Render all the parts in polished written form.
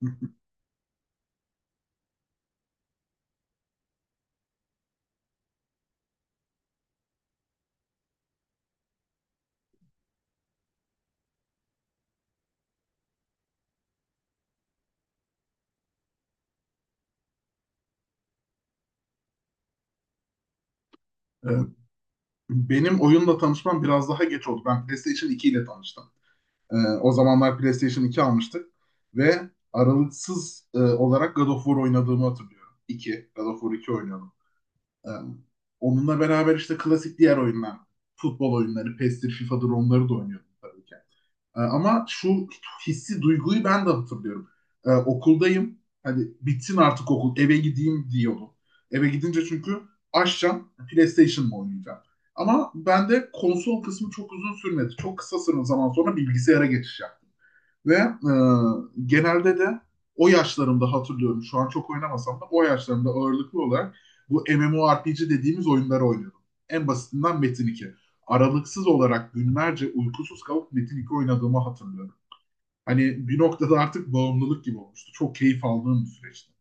Benim oyunla tanışmam biraz daha geç oldu. Ben PlayStation 2 ile tanıştım. Ee, O zamanlar PlayStation 2 almıştık ve aralıksız olarak God of War oynadığımı hatırlıyorum. 2, God of War 2 oynuyordum. Ee, Onunla beraber işte klasik diğer oyunlar, futbol oyunları, PES'tir, FIFA'dır onları da oynuyordum tabii ki. Ama şu hissi, duyguyu ben de hatırlıyorum. Okuldayım. Hani bitsin artık okul. Eve gideyim diyordum. Eve gidince çünkü açacağım. PlayStation mı oynayacağım? Ama ben de konsol kısmı çok uzun sürmedi. Çok kısa zaman sonra bilgisayara geçiş yaptım. Ve genelde de o yaşlarımda hatırlıyorum. Şu an çok oynamasam da o yaşlarımda ağırlıklı olarak bu MMORPG dediğimiz oyunları oynuyordum. En basitinden Metin 2. Aralıksız olarak günlerce uykusuz kalıp Metin 2 oynadığımı hatırlıyorum. Hani bir noktada artık bağımlılık gibi olmuştu. Çok keyif aldığım bir süreçti.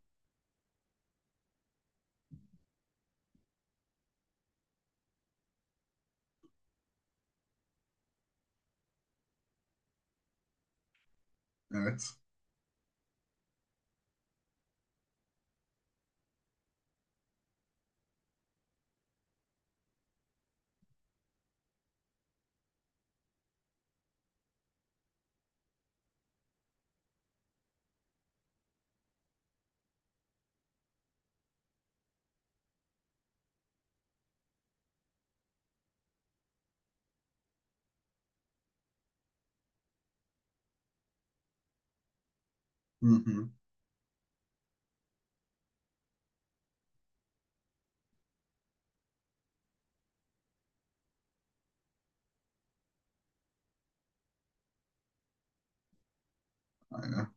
Evet. Hı hı. Aynen.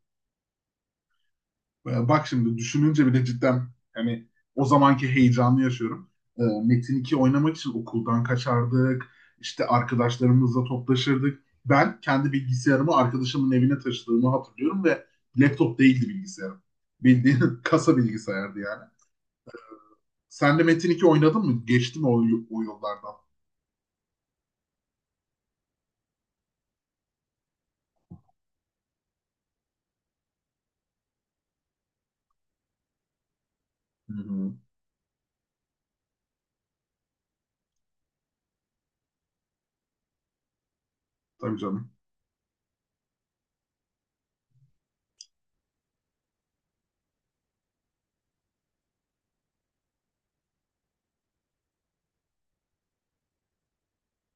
Bak şimdi düşününce bile cidden hani o zamanki heyecanı yaşıyorum. Metin 2 oynamak için okuldan kaçardık. İşte arkadaşlarımızla toplaşırdık. Ben kendi bilgisayarımı arkadaşımın evine taşıdığımı hatırlıyorum ve laptop değildi bilgisayarım. Bildiğin kasa bilgisayardı yani. Sen de Metin 2 oynadın mı? Geçti mi o, o yollardan? Hı hı. Tabii canım.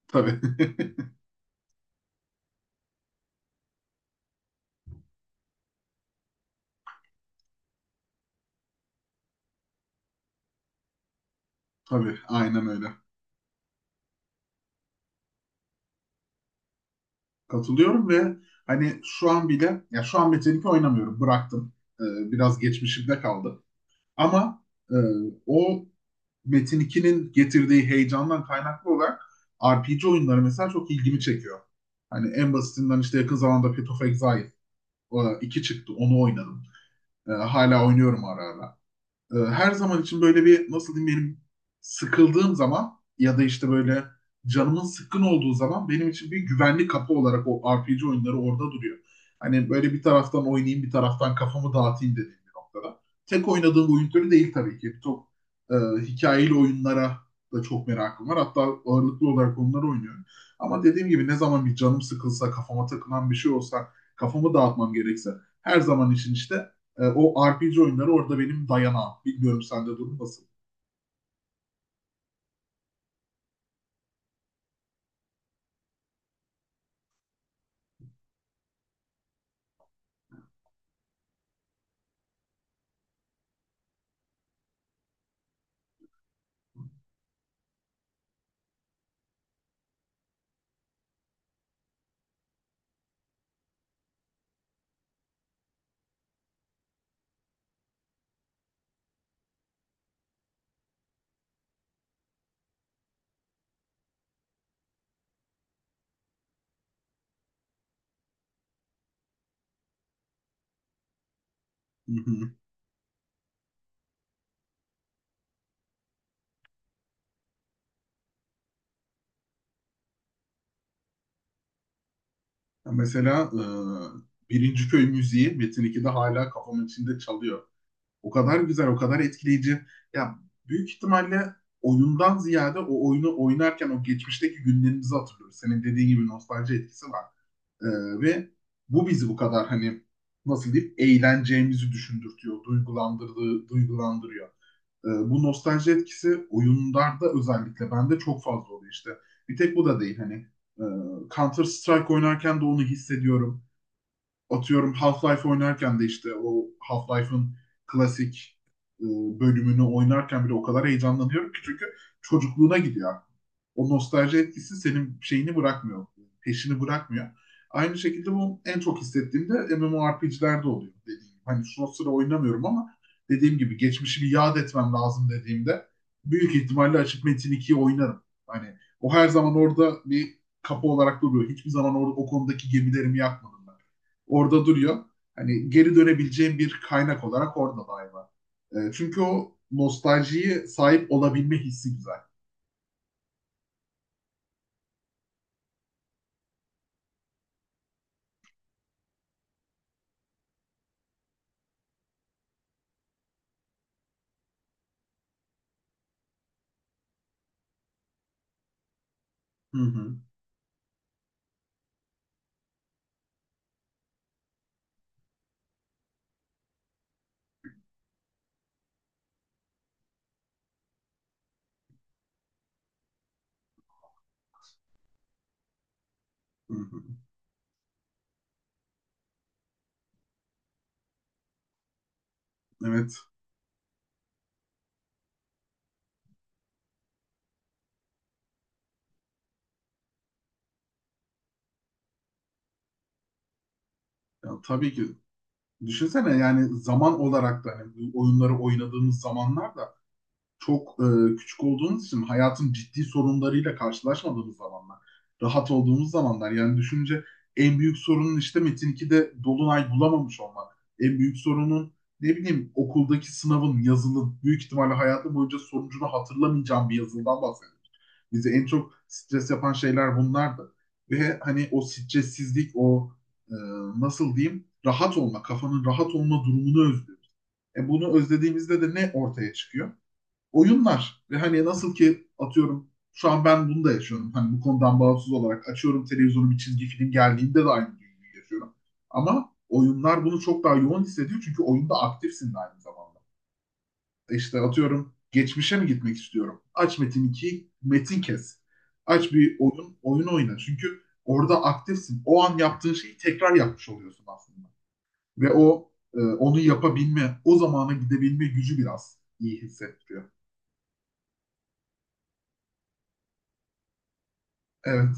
Tabii. Tabii. Aynen öyle. Katılıyorum ve hani şu an bile ya şu an Metin oynamıyorum. Bıraktım. Biraz geçmişimde kaldı. Ama e, o Metin 2'nin getirdiği heyecandan kaynaklı olarak RPG oyunları mesela çok ilgimi çekiyor. Hani en basitinden işte yakın zamanda Path of Exile 2 çıktı. Onu oynadım. Hala oynuyorum ara ara her zaman için böyle bir nasıl diyeyim benim sıkıldığım zaman ya da işte böyle canımın sıkkın olduğu zaman benim için bir güvenli kapı olarak o RPG oyunları orada duruyor. Hani böyle bir taraftan oynayayım bir taraftan kafamı dağıtayım dediğim bir noktada. Tek oynadığım oyun türü değil tabii ki. Çok e, hikayeli oyunlara da çok merakım var. Hatta ağırlıklı olarak onları oynuyorum. Ama dediğim gibi ne zaman bir canım sıkılsa, kafama takılan bir şey olsa, kafamı dağıtmam gerekse her zaman için işte o RPG oyunları orada benim dayanağım. Bilmiyorum sende durum nasıl? Mesela Birinci Köy müziği Metin 2'de hala kafamın içinde çalıyor. O kadar güzel, o kadar etkileyici. Ya büyük ihtimalle oyundan ziyade o oyunu oynarken o geçmişteki günlerimizi hatırlıyoruz. Senin dediğin gibi nostalji etkisi var. E, ve bu bizi bu kadar hani nasıl diyeyim eğleneceğimizi düşündürtüyor, duygulandırdığı, duygulandırıyor. Bu nostalji etkisi oyunlarda özellikle bende çok fazla oluyor işte. Bir tek bu da değil hani e, Counter Strike oynarken de onu hissediyorum. Atıyorum Half-Life oynarken de işte o Half-Life'ın klasik e, bölümünü oynarken bile o kadar heyecanlanıyorum ki çünkü çocukluğuna gidiyor. O nostalji etkisi senin şeyini bırakmıyor, peşini bırakmıyor. Aynı şekilde bu en çok hissettiğimde MMORPG'lerde oluyor dediğim gibi. Hani şu sıra oynamıyorum ama dediğim gibi geçmişimi yad etmem lazım dediğimde büyük ihtimalle açıp Metin 2'yi oynarım. Hani o her zaman orada bir kapı olarak duruyor. Hiçbir zaman orada o konudaki gemilerimi yakmadım ben orada duruyor. Hani geri dönebileceğim bir kaynak olarak orada daima. Çünkü o nostaljiye sahip olabilme hissi güzel. Hı hı, hı hı. Evet. Ya, tabii ki. Düşünsene yani zaman olarak da hani bu oyunları oynadığımız zamanlar da çok küçük olduğumuz için hayatın ciddi sorunlarıyla karşılaşmadığımız zamanlar, rahat olduğumuz zamanlar yani düşünce en büyük sorunun işte Metin 2'de Dolunay bulamamış olmak. En büyük sorunun ne bileyim okuldaki sınavın, yazının büyük ihtimalle hayatım boyunca sonucunu hatırlamayacağım bir yazıldan bahsediyoruz. Bizi en çok stres yapan şeyler bunlardı. Ve hani o stressizlik, o e, nasıl diyeyim rahat olma, kafanın rahat olma durumunu özlüyoruz. E bunu özlediğimizde de ne ortaya çıkıyor? Oyunlar ve hani nasıl ki atıyorum şu an ben bunu da yaşıyorum. Hani bu konudan bağımsız olarak açıyorum televizyonu bir çizgi film geldiğinde de aynı duyguyu yaşıyorum. Ama oyunlar bunu çok daha yoğun hissediyor çünkü oyunda aktifsin de aynı zamanda. İşte atıyorum geçmişe mi gitmek istiyorum? Aç Metin 2, Metin kes. Aç bir oyun, oyun oyna. Çünkü orada aktifsin. O an yaptığın şeyi tekrar yapmış oluyorsun aslında. Ve o onu yapabilme, o zamana gidebilme gücü biraz iyi hissettiriyor. Evet,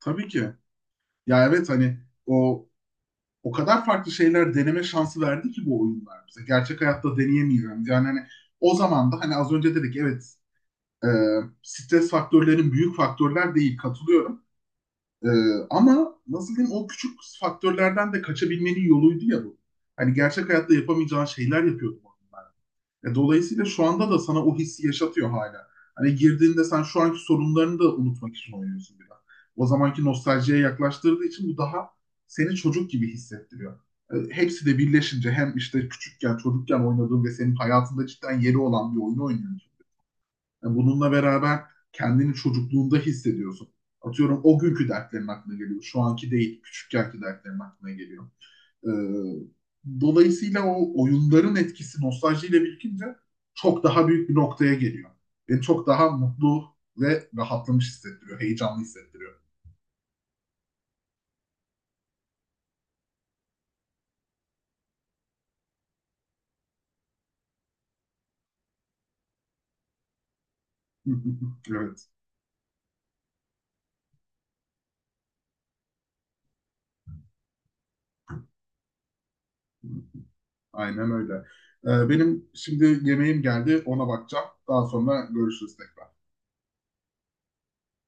tabii ki. Ya evet hani o o kadar farklı şeyler deneme şansı verdi ki bu oyunlar bize. Gerçek hayatta deneyemeyeceğimiz. Yani hani o zaman da hani az önce dedik evet, e, stres faktörlerin büyük faktörler değil katılıyorum. E, Ama nasıl diyeyim o küçük faktörlerden de kaçabilmenin yoluydu ya bu. Hani gerçek hayatta yapamayacağın şeyler yapıyordum, dolayısıyla şu anda da sana o hissi yaşatıyor hala. Hani girdiğinde sen şu anki sorunlarını da unutmak için oynuyorsun biraz. O zamanki nostaljiye yaklaştırdığı için bu daha seni çocuk gibi hissettiriyor. Hepsi de birleşince hem işte küçükken, çocukken oynadığın ve senin hayatında cidden yeri olan bir oyunu oynuyorsun. Bununla beraber kendini çocukluğunda hissediyorsun. Atıyorum o günkü dertlerin aklına geliyor. Şu anki değil, küçükkenki dertlerin aklına geliyor. Ee, Dolayısıyla o oyunların etkisi nostaljiyle birikince çok daha büyük bir noktaya geliyor. Beni çok daha mutlu ve rahatlamış hissettiriyor, heyecanlı hissettiriyor. Evet, aynen öyle. Benim şimdi yemeğim geldi, ona bakacağım. Daha sonra görüşürüz tekrar.